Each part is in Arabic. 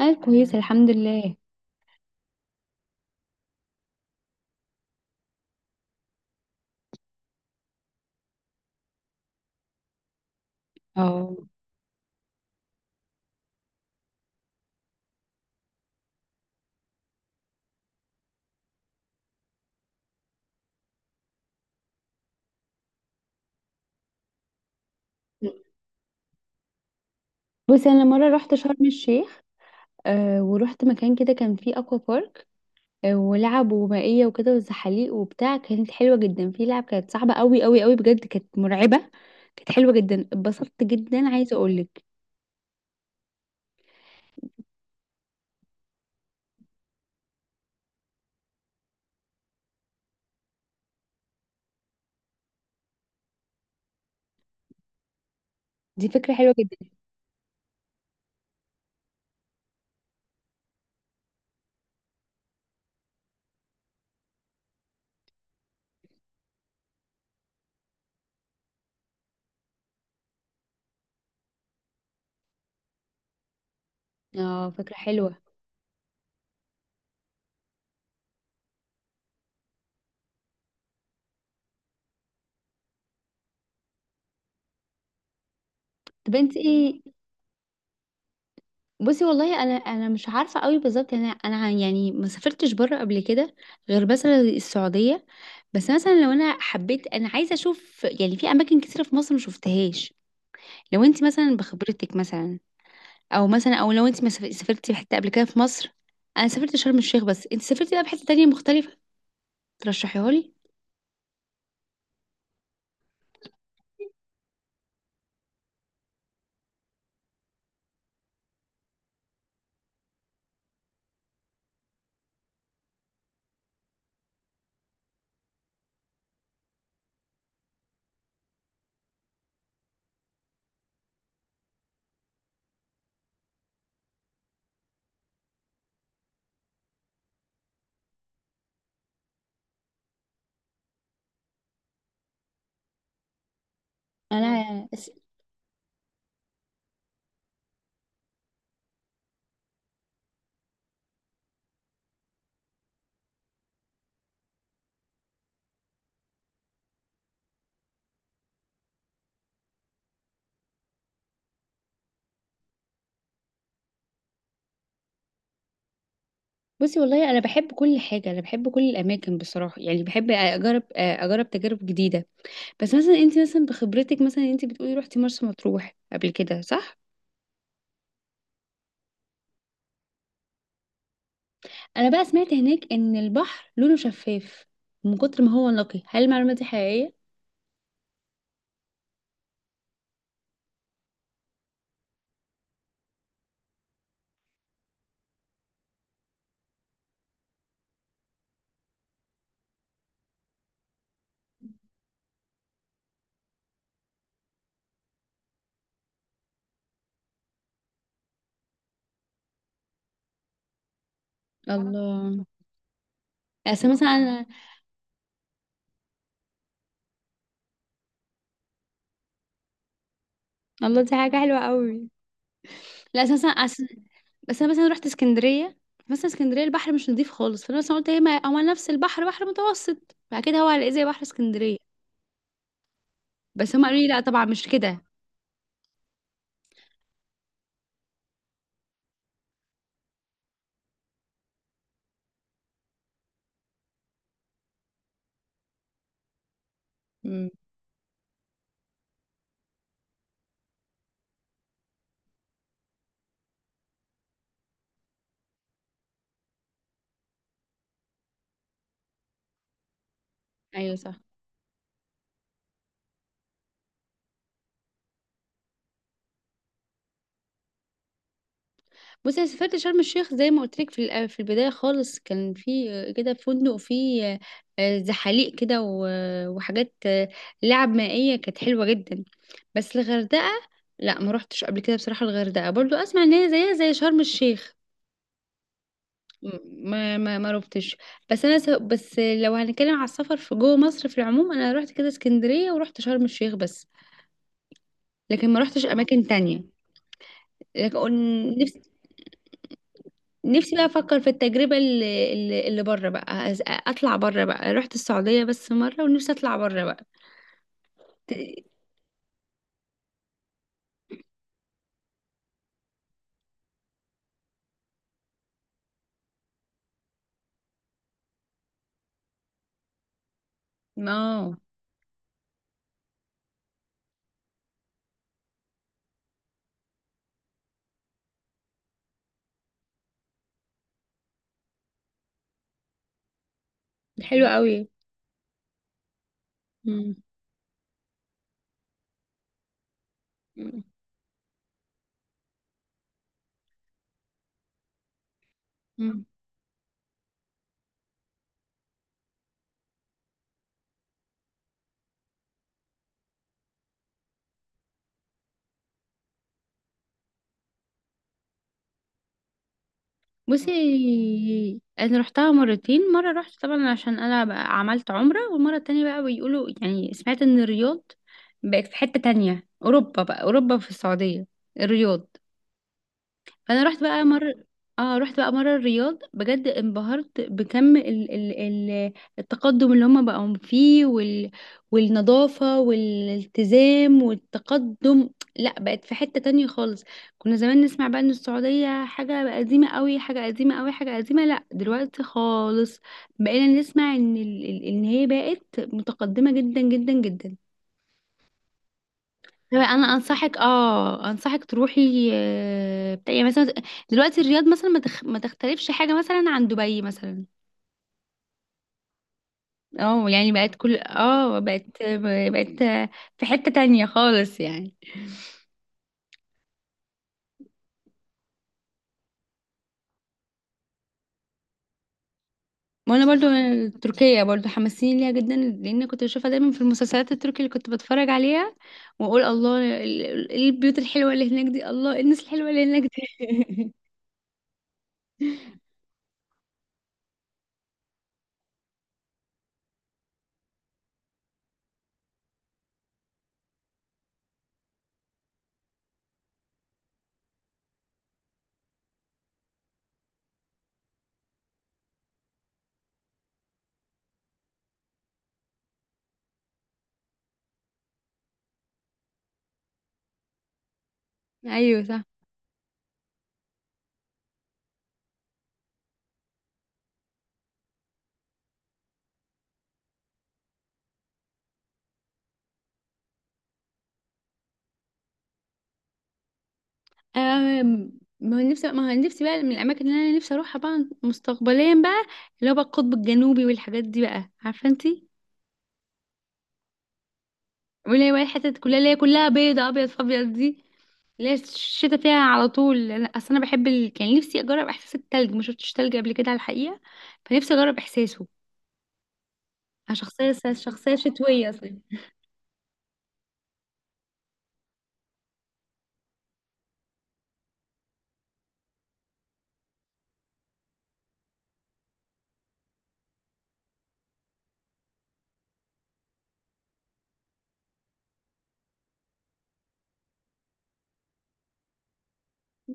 انا كويسه الحمد لله. اه. بصي، انا مره رحت شرم الشيخ. ورحت مكان كده كان فيه اكوا بارك. ولعب ومائيه وكده وزحاليق وبتاع، كانت حلوه جدا. في لعب كانت صعبه قوي قوي قوي، بجد كانت مرعبه. كانت حلوه جدا، اتبسطت جدا، عايزه اقولك. دي فكره حلوه جدا. اه، فكره حلوه. طب انت ايه؟ بصي، والله انا مش عارفه قوي بالظبط، انا يعني ما سافرتش بره قبل كده. غير مثلا السعوديه. بس مثلا لو انا حبيت، انا عايزه اشوف يعني في اماكن كتيره في مصر ما شفتهاش. لو انت مثلا بخبرتك مثلا، او مثلا لو انت ما سافر- سافرتي في حته قبل كده في مصر؟ انا سافرت شرم الشيخ بس، انت سافرتي بقى في حته تانية مختلفه؟ ترشحيها لي. انا س- بصي، والله انا بحب كل حاجه، انا بحب كل الاماكن بصراحه، يعني بحب اجرب تجارب جديده. بس مثلا انت مثلا بخبرتك مثلا، انت بتقولي روحتي مرسى مطروح قبل كده، صح؟ انا بقى سمعت هناك ان البحر لونه شفاف من كتر ما هو نقي، هل المعلومه دي حقيقيه؟ الله. اصل مثلا انا الله، دي حاجة حلوة قوي. لا، أساسا أصل. بس أنا مثلا رحت اسكندرية. مثلا اسكندرية البحر مش نضيف خالص، فأنا مثلا قلت هي ما هو نفس البحر، بحر متوسط، فأكيد هو هلاقيه زي بحر اسكندرية. بس هم قالوا لي لا، طبعا مش كده. مم. أيوة، صح. بصي، انا سافرت شرم الشيخ زي ما قلت لك، في البدايه خالص، كان في كده فندق فيه زحاليق كده وحاجات لعب مائيه كانت حلوه جدا. بس الغردقه، لا ما روحتش قبل كده بصراحه. الغردقه برضو اسمع ان هي زيها زي شرم الشيخ. ما روحتش. بس لو هنتكلم على السفر في جوه مصر في العموم، انا روحت كده اسكندريه ورحت شرم الشيخ بس. لكن ما روحتش اماكن تانية. لكن نفسي. نفسي بقى افكر في التجربه اللي بره بقى، اطلع بره بقى، رحت السعوديه بس مره، ونفسي اطلع بره بقى. ت- اه، حلوه قوي. مم. مم. مم. بصي، انا رحتها مرتين. مره رحت طبعا عشان انا بقى عملت عمره، والمره التانية بقى، بيقولوا يعني سمعت ان الرياض بقت في حته تانية، اوروبا بقى، اوروبا في السعوديه. الرياض. انا رحت بقى مره. اه، رحت بقى مره الرياض بجد انبهرت بكم ال... التقدم اللي هم بقوا فيه والنظافه والالتزام والتقدم. لا، بقت في حته تانية خالص. كنا زمان نسمع بقى ان السعوديه حاجه قديمه قوي، حاجه قديمه قوي، حاجه قديمه. لا، دلوقتي خالص بقينا نسمع ان ان هي بقت متقدمه جدا جدا جدا. هو انا انصحك تروحي، بتاع يعني مثلا، دلوقتي الرياض مثلا ما تختلفش حاجه مثلا عن دبي مثلا. اه، يعني بقت كل، بقت، بقت في حته تانية خالص يعني. وانا برضو تركيا برضو حماسين ليها جدا، لان كنت بشوفها دايما في المسلسلات التركي اللي كنت بتفرج عليها، واقول الله، البيوت الحلوه اللي هناك دي، الله الناس الحلوه اللي هناك دي. ايوه، صح. أم، ما هو نفسي بقى من الاماكن اللي انا نفسي اروحها بقى مستقبليا بقى، اللي هو بقى القطب الجنوبي والحاجات دي، بقى عارفه انتي. واللي هي بقى الحتت كلها اللي هي كلها بيضه، ابيض في ابيض دي، اللي هي الشتا فيها على طول. اصل انا بحب كان نفسي اجرب احساس التلج، ما شفتش تلج قبل كده على الحقيقه، فنفسي اجرب احساسه. انا شخصيه، شخصيه شتويه اصلا.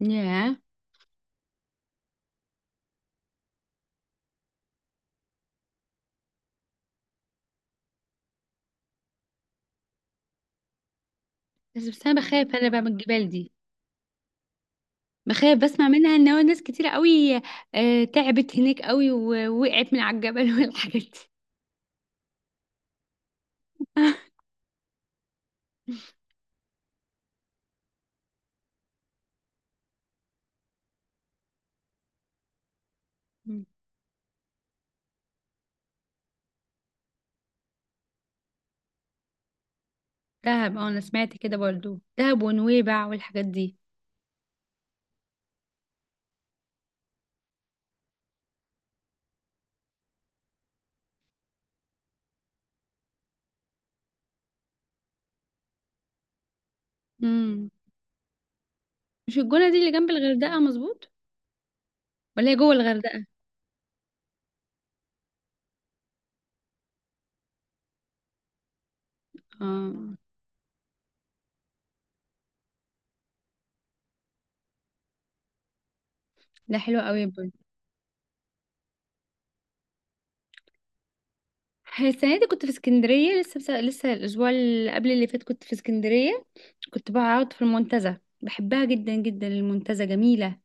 ياه. بس انا بخاف انا بقى من الجبال دي، بخاف بسمع منها ان هو ناس كتيرة قوي، تعبت هناك قوي ووقعت من على الجبل والحاجات دي. مم. دهب، اه، انا سمعت كده برضو دهب ونويبع والحاجات دي. امم مش الجونة دي اللي جنب الغردقة، مظبوط؟ ولا هي جوه الغردقة؟ اه، ده حلو قوي برضو. السنة دي كنت في اسكندرية لسه، لسه الأسبوع اللي قبل اللي فات كنت في اسكندرية، كنت بقعد في المنتزه، بحبها جدا جدا، المنتزه جميلة.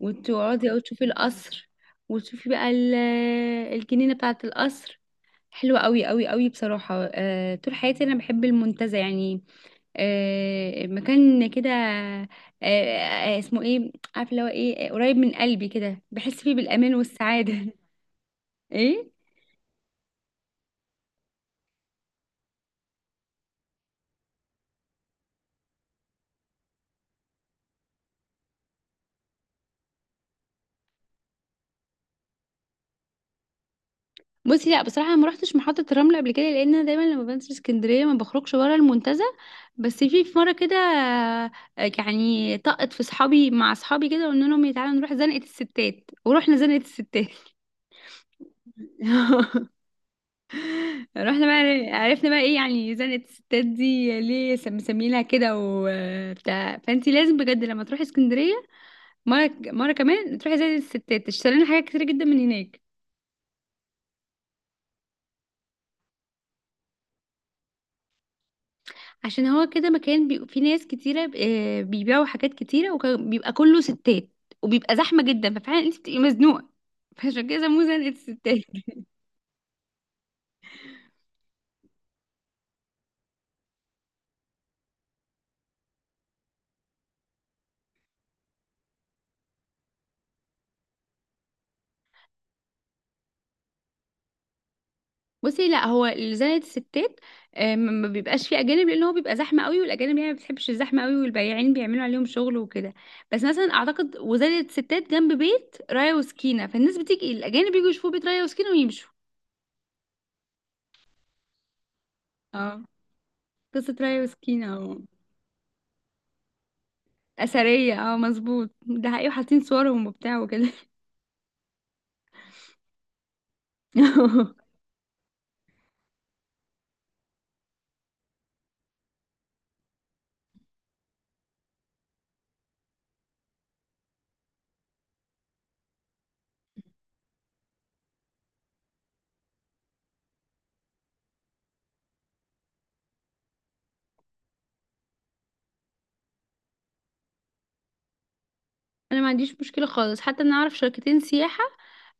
وتقعدي أو تشوفي القصر، وتشوفي بقى الجنينة بتاعة القصر. حلوة قوي قوي قوي بصراحة. طول حياتي أنا بحب المنتزه يعني. مكان كده، اسمه ايه عارفه، اللي هو ايه، قريب من قلبي كده، بحس فيه بالامان والسعاده. ايه؟ بصي، لا، بصراحه انا ما رحتش محطه الرمل قبل كده، لان انا دايما لما بنزل اسكندريه ما بخرجش بره المنتزه. بس في مره كده، يعني طقت في صحابي مع صحابي كده، قلنا لهم تعالوا نروح زنقه الستات، ورحنا زنقه الستات. رحنا بقى، عرفنا بقى ايه يعني زنقة الستات دي ليه مسميينها كده وبتاع. فانتي لازم بجد لما تروحي اسكندرية مرة مرة كمان، تروحي زي الستات تشتري لنا حاجات كتيرة جدا من هناك. عشان هو كده مكان فيه ناس كتيرة، بيبيعوا حاجات كتيرة وبيبقى كله ستات، وبيبقى زحمة جدا، ففعلا انت بتبقي مزنوقة، فعشان كده سموه زنقة الستات. بصي، لا هو زائد الستات، ما بيبقاش فيه اجانب، لان هو بيبقى زحمه قوي، والاجانب يعني ما بتحبش الزحمه قوي، والبياعين بيعملوا عليهم شغل وكده. بس مثلا اعتقد وزائد الستات جنب بيت رايا وسكينه، فالناس بتيجي، الاجانب بيجوا يشوفوا بيت رايا وسكينه ويمشوا. اه، قصه رايا وسكينه، اه، اثريه، اه مظبوط، ده حقيقي وحاطين صورهم وبتاع وكده. انا ما عنديش مشكله خالص، حتى انا اعرف شركتين سياحه،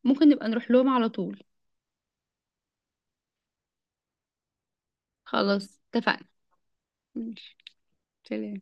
ممكن نبقى نروح لهم على طول. خلاص اتفقنا. ماشي، سلام.